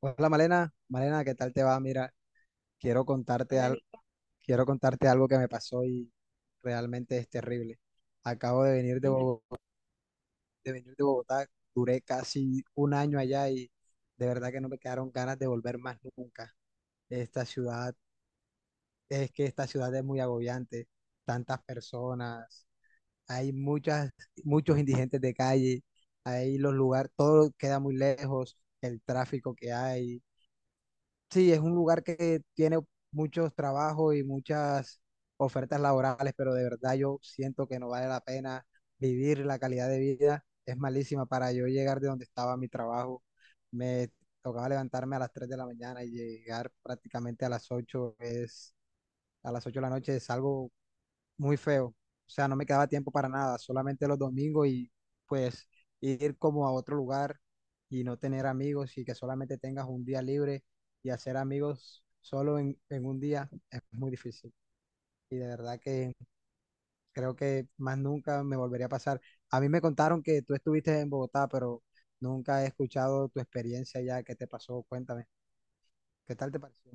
Hola Malena, ¿qué tal te va? Mira, quiero contarte algo, Nico. Quiero contarte algo que me pasó y realmente es terrible. Acabo de venir de Bogotá, de venir de Bogotá, duré casi un año allá y de verdad que no me quedaron ganas de volver más nunca. Esta ciudad, es que esta ciudad es muy agobiante, tantas personas, hay muchos indigentes de calle, hay los lugares, todo queda muy lejos, el tráfico que hay. Sí, es un lugar que tiene muchos trabajos y muchas ofertas laborales, pero de verdad yo siento que no vale la pena vivir la calidad de vida. Es malísima para yo llegar de donde estaba mi trabajo. Me tocaba levantarme a las 3 de la mañana y llegar prácticamente a las 8 de la noche. Es algo muy feo. O sea, no me quedaba tiempo para nada, solamente los domingos y pues ir como a otro lugar y no tener amigos y que solamente tengas un día libre y hacer amigos solo en un día es muy difícil. Y de verdad que creo que más nunca me volvería a pasar. A mí me contaron que tú estuviste en Bogotá, pero nunca he escuchado tu experiencia ya que te pasó. Cuéntame, ¿qué tal te pareció?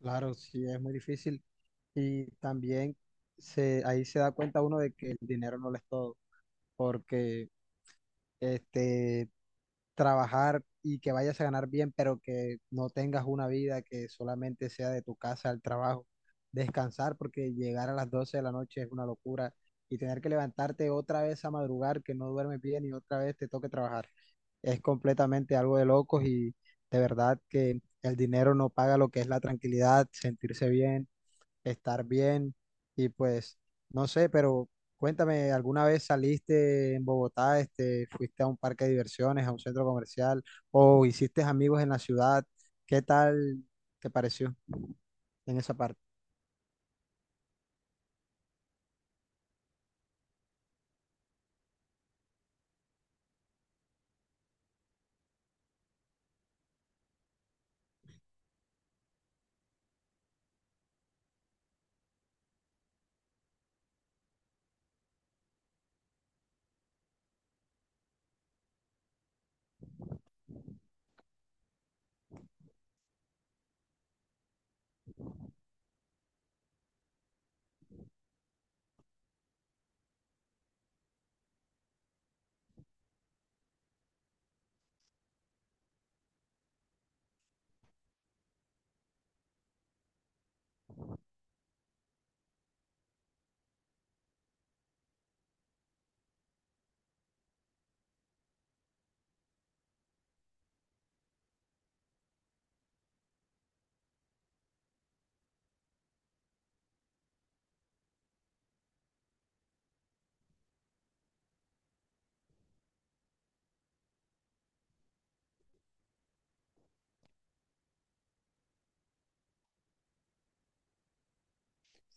Claro, sí, es muy difícil. Y también ahí se da cuenta uno de que el dinero no lo es todo, porque este, trabajar y que vayas a ganar bien, pero que no tengas una vida que solamente sea de tu casa al trabajo, descansar, porque llegar a las 12 de la noche es una locura y tener que levantarte otra vez a madrugar, que no duermes bien y otra vez te toque trabajar, es completamente algo de locos y de verdad que el dinero no paga lo que es la tranquilidad, sentirse bien, estar bien y pues no sé, pero cuéntame, ¿alguna vez saliste en Bogotá, este, fuiste a un parque de diversiones, a un centro comercial o hiciste amigos en la ciudad? ¿Qué tal te pareció en esa parte?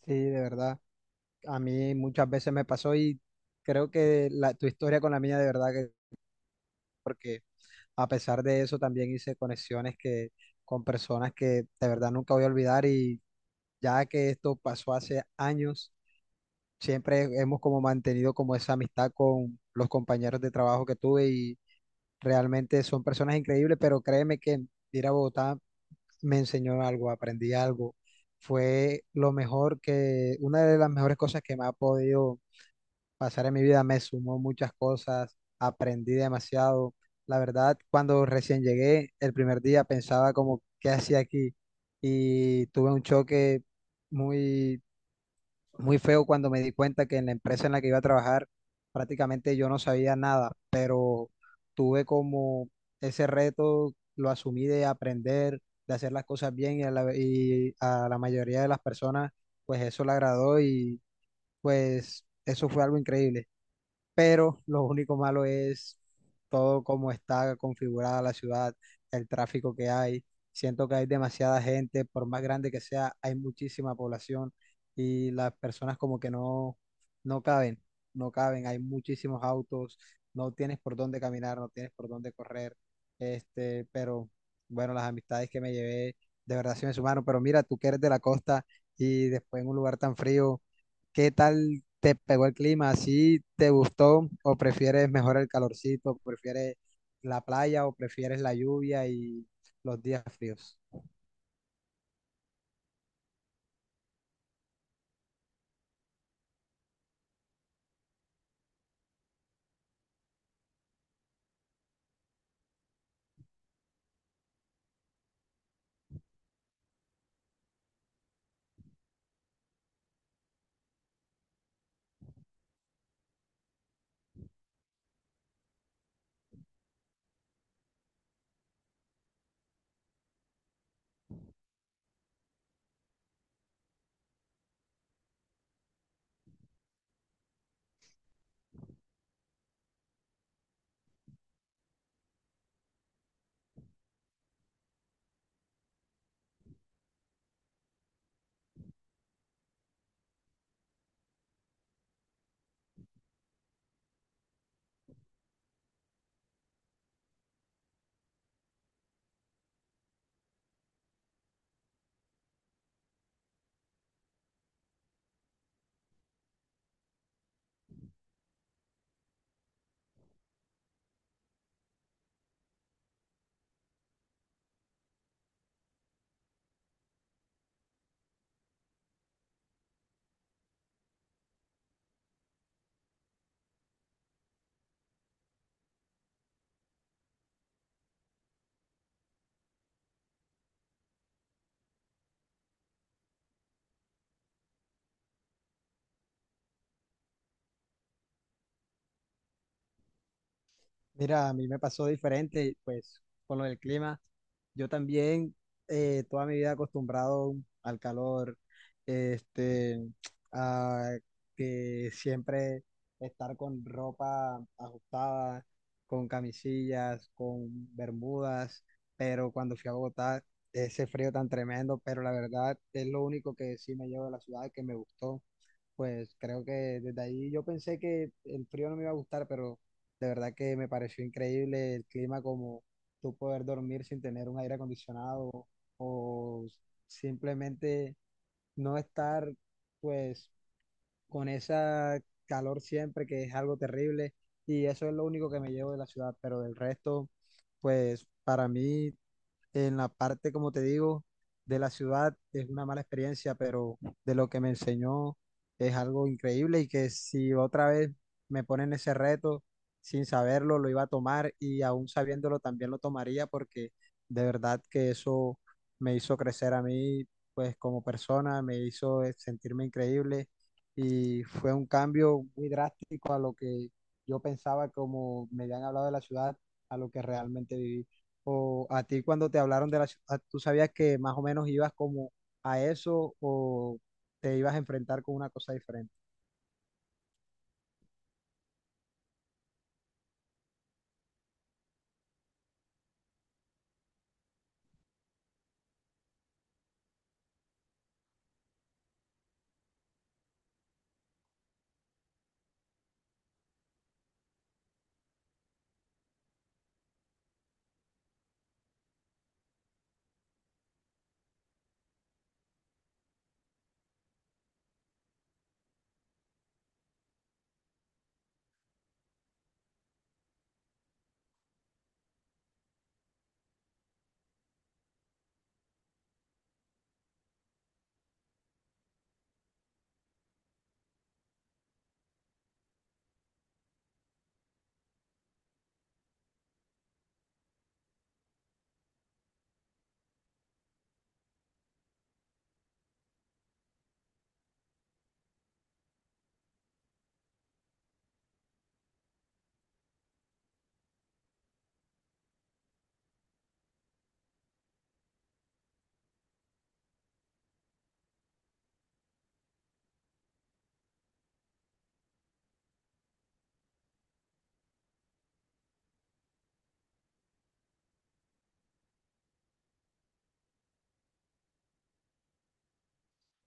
Sí, de verdad, a mí muchas veces me pasó y creo que la, tu historia con la mía de verdad que, porque a pesar de eso también hice conexiones que, con personas que de verdad nunca voy a olvidar y ya que esto pasó hace años, siempre hemos como mantenido como esa amistad con los compañeros de trabajo que tuve y realmente son personas increíbles, pero créeme que ir a Bogotá me enseñó algo, aprendí algo. Fue lo mejor que, una de las mejores cosas que me ha podido pasar en mi vida, me sumó muchas cosas, aprendí demasiado. La verdad, cuando recién llegué, el primer día pensaba como, ¿qué hacía aquí? Y tuve un choque muy muy feo cuando me di cuenta que en la empresa en la que iba a trabajar prácticamente yo no sabía nada, pero tuve como ese reto, lo asumí, de aprender, de hacer las cosas bien, y a la mayoría de las personas pues eso le agradó y pues eso fue algo increíble, pero lo único malo es todo cómo está configurada la ciudad, el tráfico que hay. Siento que hay demasiada gente, por más grande que sea, hay muchísima población y las personas como que no, no caben, no caben, hay muchísimos autos, no tienes por dónde caminar, no tienes por dónde correr, este, pero bueno, las amistades que me llevé de verdad sí me sumaron, pero mira, tú que eres de la costa y después en un lugar tan frío. ¿Qué tal, ¿te pegó el clima? ¿Así te gustó? ¿O prefieres mejor el calorcito? ¿Prefieres la playa o prefieres la lluvia y los días fríos? Mira, a mí me pasó diferente, pues con lo del clima. Yo también, toda mi vida acostumbrado al calor, este, a que siempre estar con ropa ajustada, con camisillas, con bermudas, pero cuando fui a Bogotá, ese frío tan tremendo, pero la verdad es lo único que sí me llevo de la ciudad que me gustó, pues creo que desde ahí yo pensé que el frío no me iba a gustar, pero de verdad que me pareció increíble el clima, como tú poder dormir sin tener un aire acondicionado o simplemente no estar, pues, con esa calor siempre, que es algo terrible. Y eso es lo único que me llevo de la ciudad, pero del resto, pues para mí en la parte, como te digo, de la ciudad es una mala experiencia, pero de lo que me enseñó es algo increíble, y que si otra vez me ponen ese reto sin saberlo, lo iba a tomar, y aún sabiéndolo también lo tomaría, porque de verdad que eso me hizo crecer a mí, pues como persona, me hizo sentirme increíble y fue un cambio muy drástico a lo que yo pensaba, como me habían hablado de la ciudad, a lo que realmente viví, o a ti cuando te hablaron de la ciudad, tú sabías que más o menos ibas como a eso o te ibas a enfrentar con una cosa diferente.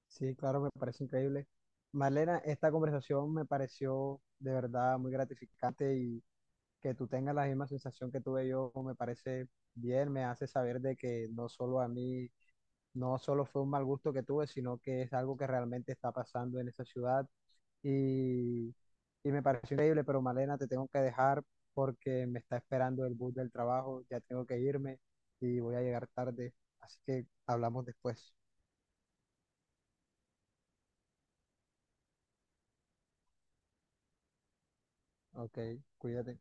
Sí, claro, me parece increíble. Marlena, esta conversación me pareció de verdad muy gratificante y que tú tengas la misma sensación que tuve yo me parece bien, me hace saber de que no solo a mí No Solo fue un mal gusto que tuve, sino que es algo que realmente está pasando en esa ciudad, y, y me pareció increíble, pero Malena, te tengo que dejar porque me está esperando el bus del trabajo, ya tengo que irme y voy a llegar tarde, así que hablamos después. Ok, cuídate.